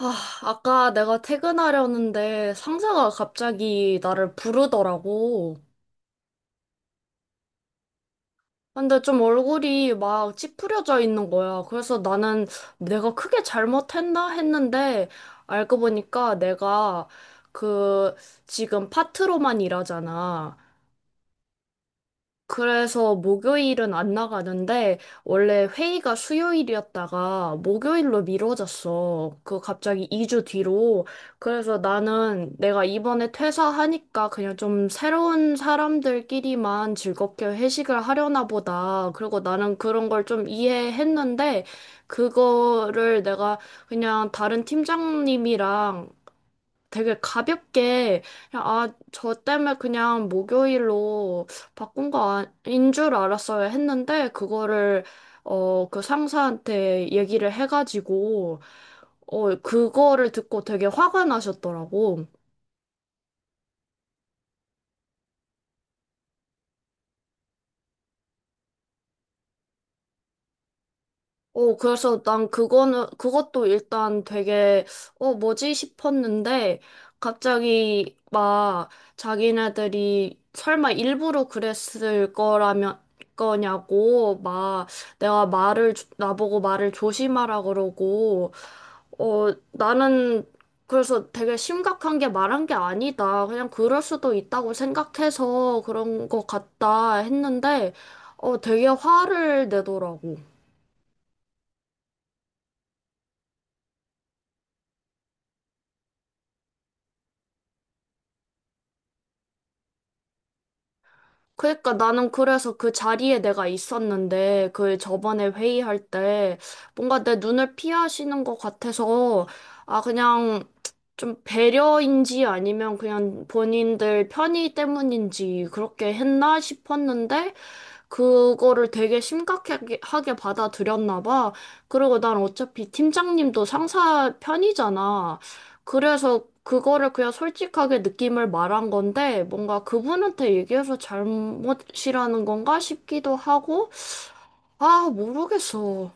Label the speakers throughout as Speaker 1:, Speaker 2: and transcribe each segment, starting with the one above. Speaker 1: 아, 아까 내가 퇴근하려는데 상사가 갑자기 나를 부르더라고. 근데 좀 얼굴이 막 찌푸려져 있는 거야. 그래서 나는 내가 크게 잘못했나 했는데 알고 보니까 내가 그 지금 파트로만 일하잖아. 그래서 목요일은 안 나가는데 원래 회의가 수요일이었다가 목요일로 미뤄졌어. 갑자기 2주 뒤로. 그래서 나는 내가 이번에 퇴사하니까 그냥 좀 새로운 사람들끼리만 즐겁게 회식을 하려나 보다. 그리고 나는 그런 걸 좀 이해했는데 그거를 내가 그냥 다른 팀장님이랑 되게 가볍게 그냥 아, 저 때문에 그냥 목요일로 바꾼 거 아닌 줄 알았어야 했는데 그거를 그 상사한테 얘기를 해가지고 그거를 듣고 되게 화가 나셨더라고. 그래서 난 그거는, 그것도 일단 되게, 뭐지 싶었는데, 갑자기 막 자기네들이 설마 일부러 그랬을 거라면, 거냐고, 막 내가 말을, 나보고 말을 조심하라 그러고, 나는 그래서 되게 심각한 게 말한 게 아니다. 그냥 그럴 수도 있다고 생각해서 그런 것 같다 했는데, 되게 화를 내더라고. 그러니까 나는 그래서 그 자리에 내가 있었는데 그 저번에 회의할 때 뭔가 내 눈을 피하시는 것 같아서 아, 그냥 좀 배려인지 아니면 그냥 본인들 편의 때문인지 그렇게 했나 싶었는데 그거를 되게 심각하게 하게 받아들였나 봐. 그리고 난 어차피 팀장님도 상사 편이잖아. 그래서 그거를 그냥 솔직하게 느낌을 말한 건데, 뭔가 그분한테 얘기해서 잘못이라는 건가 싶기도 하고, 아, 모르겠어.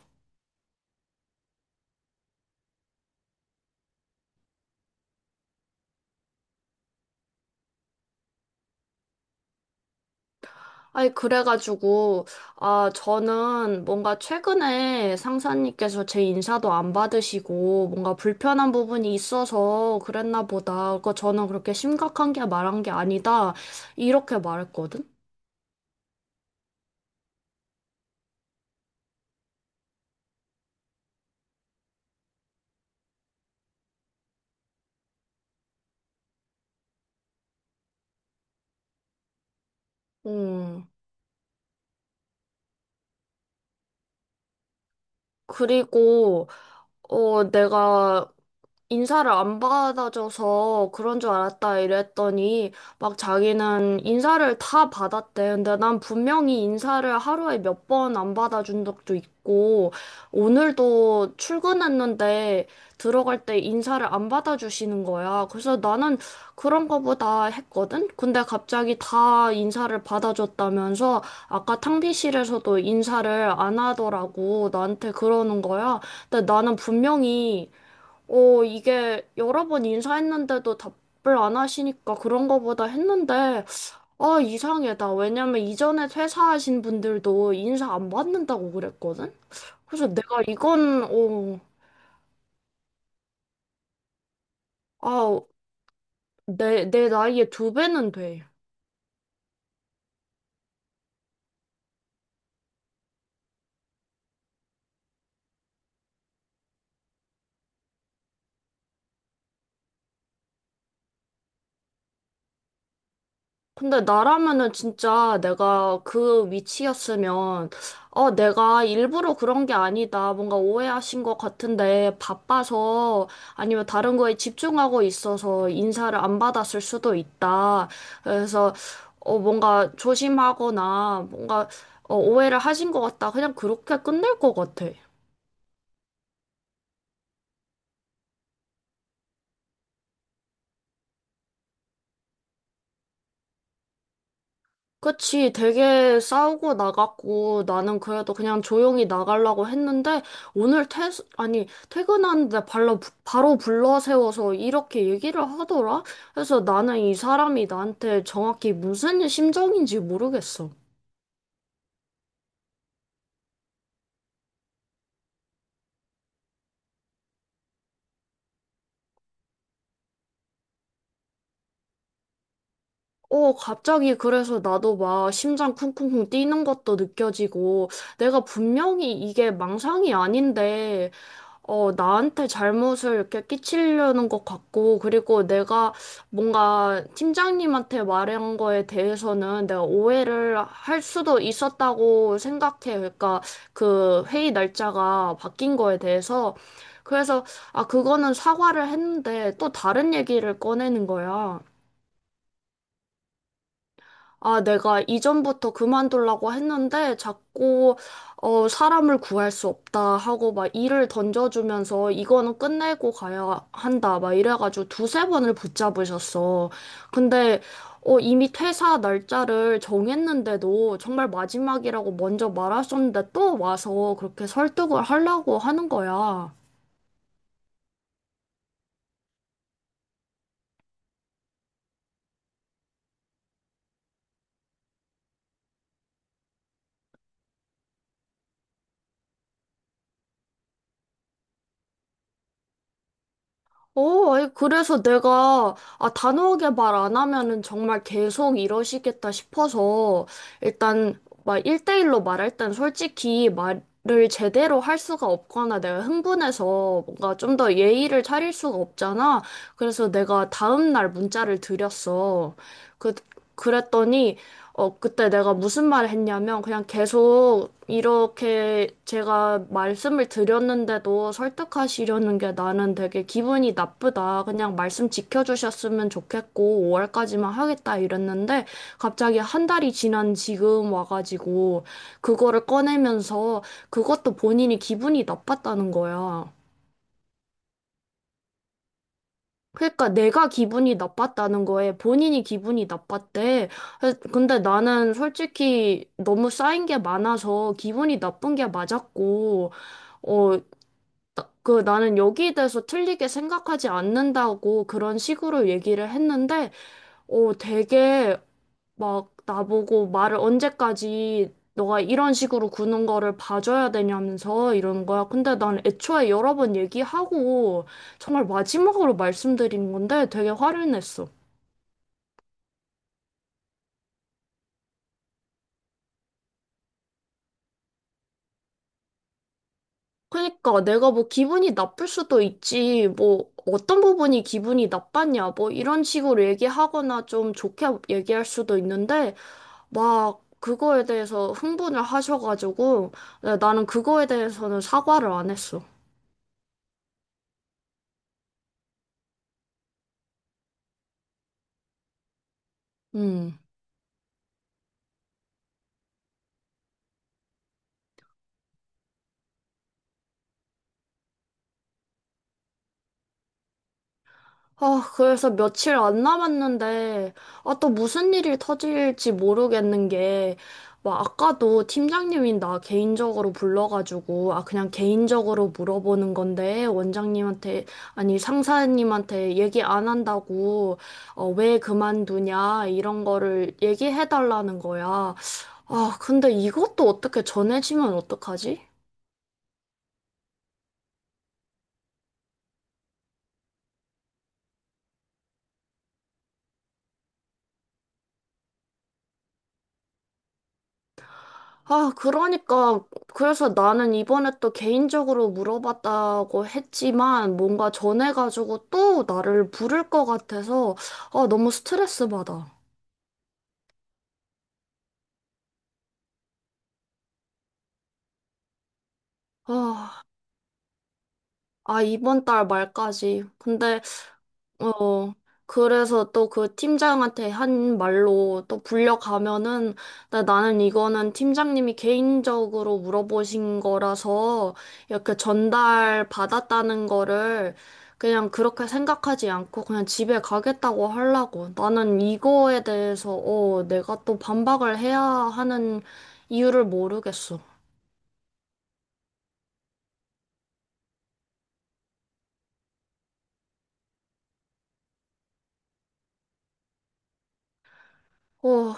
Speaker 1: 아니, 그래가지고, 아, 저는 뭔가 최근에 상사님께서 제 인사도 안 받으시고, 뭔가 불편한 부분이 있어서 그랬나 보다. 그거 저는 그렇게 심각한 게 말한 게 아니다. 이렇게 말했거든? 음. 그리고, 내가 인사를 안 받아줘서 그런 줄 알았다 이랬더니 막 자기는 인사를 다 받았대. 근데 난 분명히 인사를 하루에 몇 번 안 받아준 적도 있고 오늘도 출근했는데 들어갈 때 인사를 안 받아주시는 거야. 그래서 나는 그런 거보다 했거든? 근데 갑자기 다 인사를 받아줬다면서 아까 탕비실에서도 인사를 안 하더라고 나한테 그러는 거야. 근데 나는 분명히 이게 여러 번 인사했는데도 답을 안 하시니까 그런 거보다 했는데, 아, 이상하다. 왜냐면 이전에 퇴사하신 분들도 인사 안 받는다고 그랬거든? 그래서 내가 이건, 아, 내 나이에 두 배는 돼. 근데 나라면은 진짜 내가 그 위치였으면, 내가 일부러 그런 게 아니다. 뭔가 오해하신 것 같은데, 바빠서, 아니면 다른 거에 집중하고 있어서 인사를 안 받았을 수도 있다. 그래서, 뭔가 조심하거나, 뭔가, 오해를 하신 것 같다. 그냥 그렇게 끝낼 것 같아. 그치, 되게 싸우고 나갔고, 나는 그래도 그냥 조용히 나가려고 했는데, 오늘 아니, 퇴근하는데 발로, 바로 불러 세워서 이렇게 얘기를 하더라? 그래서 나는 이 사람이 나한테 정확히 무슨 심정인지 모르겠어. 갑자기 그래서 나도 막 심장 쿵쿵쿵 뛰는 것도 느껴지고, 내가 분명히 이게 망상이 아닌데, 나한테 잘못을 이렇게 끼치려는 것 같고, 그리고 내가 뭔가 팀장님한테 말한 거에 대해서는 내가 오해를 할 수도 있었다고 생각해. 그러니까 그 회의 날짜가 바뀐 거에 대해서. 그래서, 아, 그거는 사과를 했는데 또 다른 얘기를 꺼내는 거야. 아, 내가 이전부터 그만두려고 했는데 자꾸 사람을 구할 수 없다 하고 막 일을 던져주면서 이거는 끝내고 가야 한다 막 이래가지고 두세 번을 붙잡으셨어. 근데 이미 퇴사 날짜를 정했는데도 정말 마지막이라고 먼저 말하셨는데 또 와서 그렇게 설득을 하려고 하는 거야. 아니, 그래서 내가, 아, 단호하게 말 안 하면은 정말 계속 이러시겠다 싶어서, 일단, 막, 1대1로 말할 땐 솔직히 말을 제대로 할 수가 없거나 내가 흥분해서 뭔가 좀 더 예의를 차릴 수가 없잖아. 그래서 내가 다음날 문자를 드렸어. 그, 그랬더니, 그때 내가 무슨 말을 했냐면, 그냥 계속 이렇게 제가 말씀을 드렸는데도 설득하시려는 게 나는 되게 기분이 나쁘다. 그냥 말씀 지켜주셨으면 좋겠고, 5월까지만 하겠다 이랬는데, 갑자기 한 달이 지난 지금 와가지고, 그거를 꺼내면서, 그것도 본인이 기분이 나빴다는 거야. 그러니까 내가 기분이 나빴다는 거에 본인이 기분이 나빴대. 그래서 근데 나는 솔직히 너무 쌓인 게 많아서 기분이 나쁜 게 맞았고, 어, 나는 여기에 대해서 틀리게 생각하지 않는다고 그런 식으로 얘기를 했는데, 되게 막 나보고 말을 언제까지 너가 이런 식으로 구는 거를 봐줘야 되냐면서 이러는 거야. 근데 난 애초에 여러 번 얘기하고 정말 마지막으로 말씀드린 건데 되게 화를 냈어. 그러니까 내가 뭐 기분이 나쁠 수도 있지. 뭐 어떤 부분이 기분이 나빴냐. 뭐 이런 식으로 얘기하거나 좀 좋게 얘기할 수도 있는데 막 그거에 대해서 흥분을 하셔가지고 나는 그거에 대해서는 사과를 안 했어. 음. 아, 그래서 며칠 안 남았는데, 아, 또 무슨 일이 터질지 모르겠는 게, 막 아까도 팀장님이 나 개인적으로 불러가지고, 아, 그냥 개인적으로 물어보는 건데, 원장님한테, 아니, 상사님한테 얘기 안 한다고, 왜 그만두냐, 이런 거를 얘기해달라는 거야. 아, 근데 이것도 어떻게 전해지면 어떡하지? 아, 그러니까, 그래서 나는 이번에 또 개인적으로 물어봤다고 했지만, 뭔가 전해가지고 또 나를 부를 것 같아서, 아, 너무 스트레스 받아. 아, 아, 이번 달 말까지. 근데 어, 그래서 또 그 팀장한테 한 말로 또 불려가면은, 나는 이거는 팀장님이 개인적으로 물어보신 거라서 이렇게 전달 받았다는 거를 그냥 그렇게 생각하지 않고 그냥 집에 가겠다고 하려고. 나는 이거에 대해서, 내가 또 반박을 해야 하는 이유를 모르겠어. 어,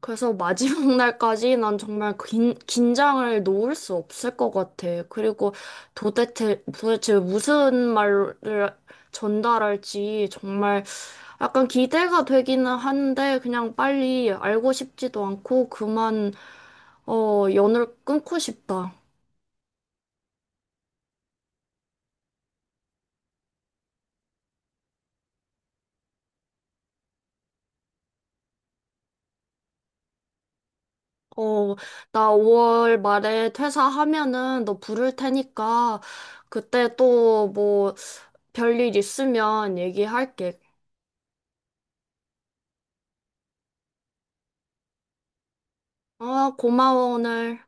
Speaker 1: 그래서 마지막 날까지 난 정말 긴장을 놓을 수 없을 것 같아. 그리고 도대체, 도대체 무슨 말을 전달할지 정말 약간 기대가 되기는 한데 그냥 빨리 알고 싶지도 않고 그만, 연을 끊고 싶다. 어, 나 5월 말에 퇴사하면은 너 부를 테니까 그때 또 뭐 별일 있으면 얘기할게. 아, 고마워, 오늘.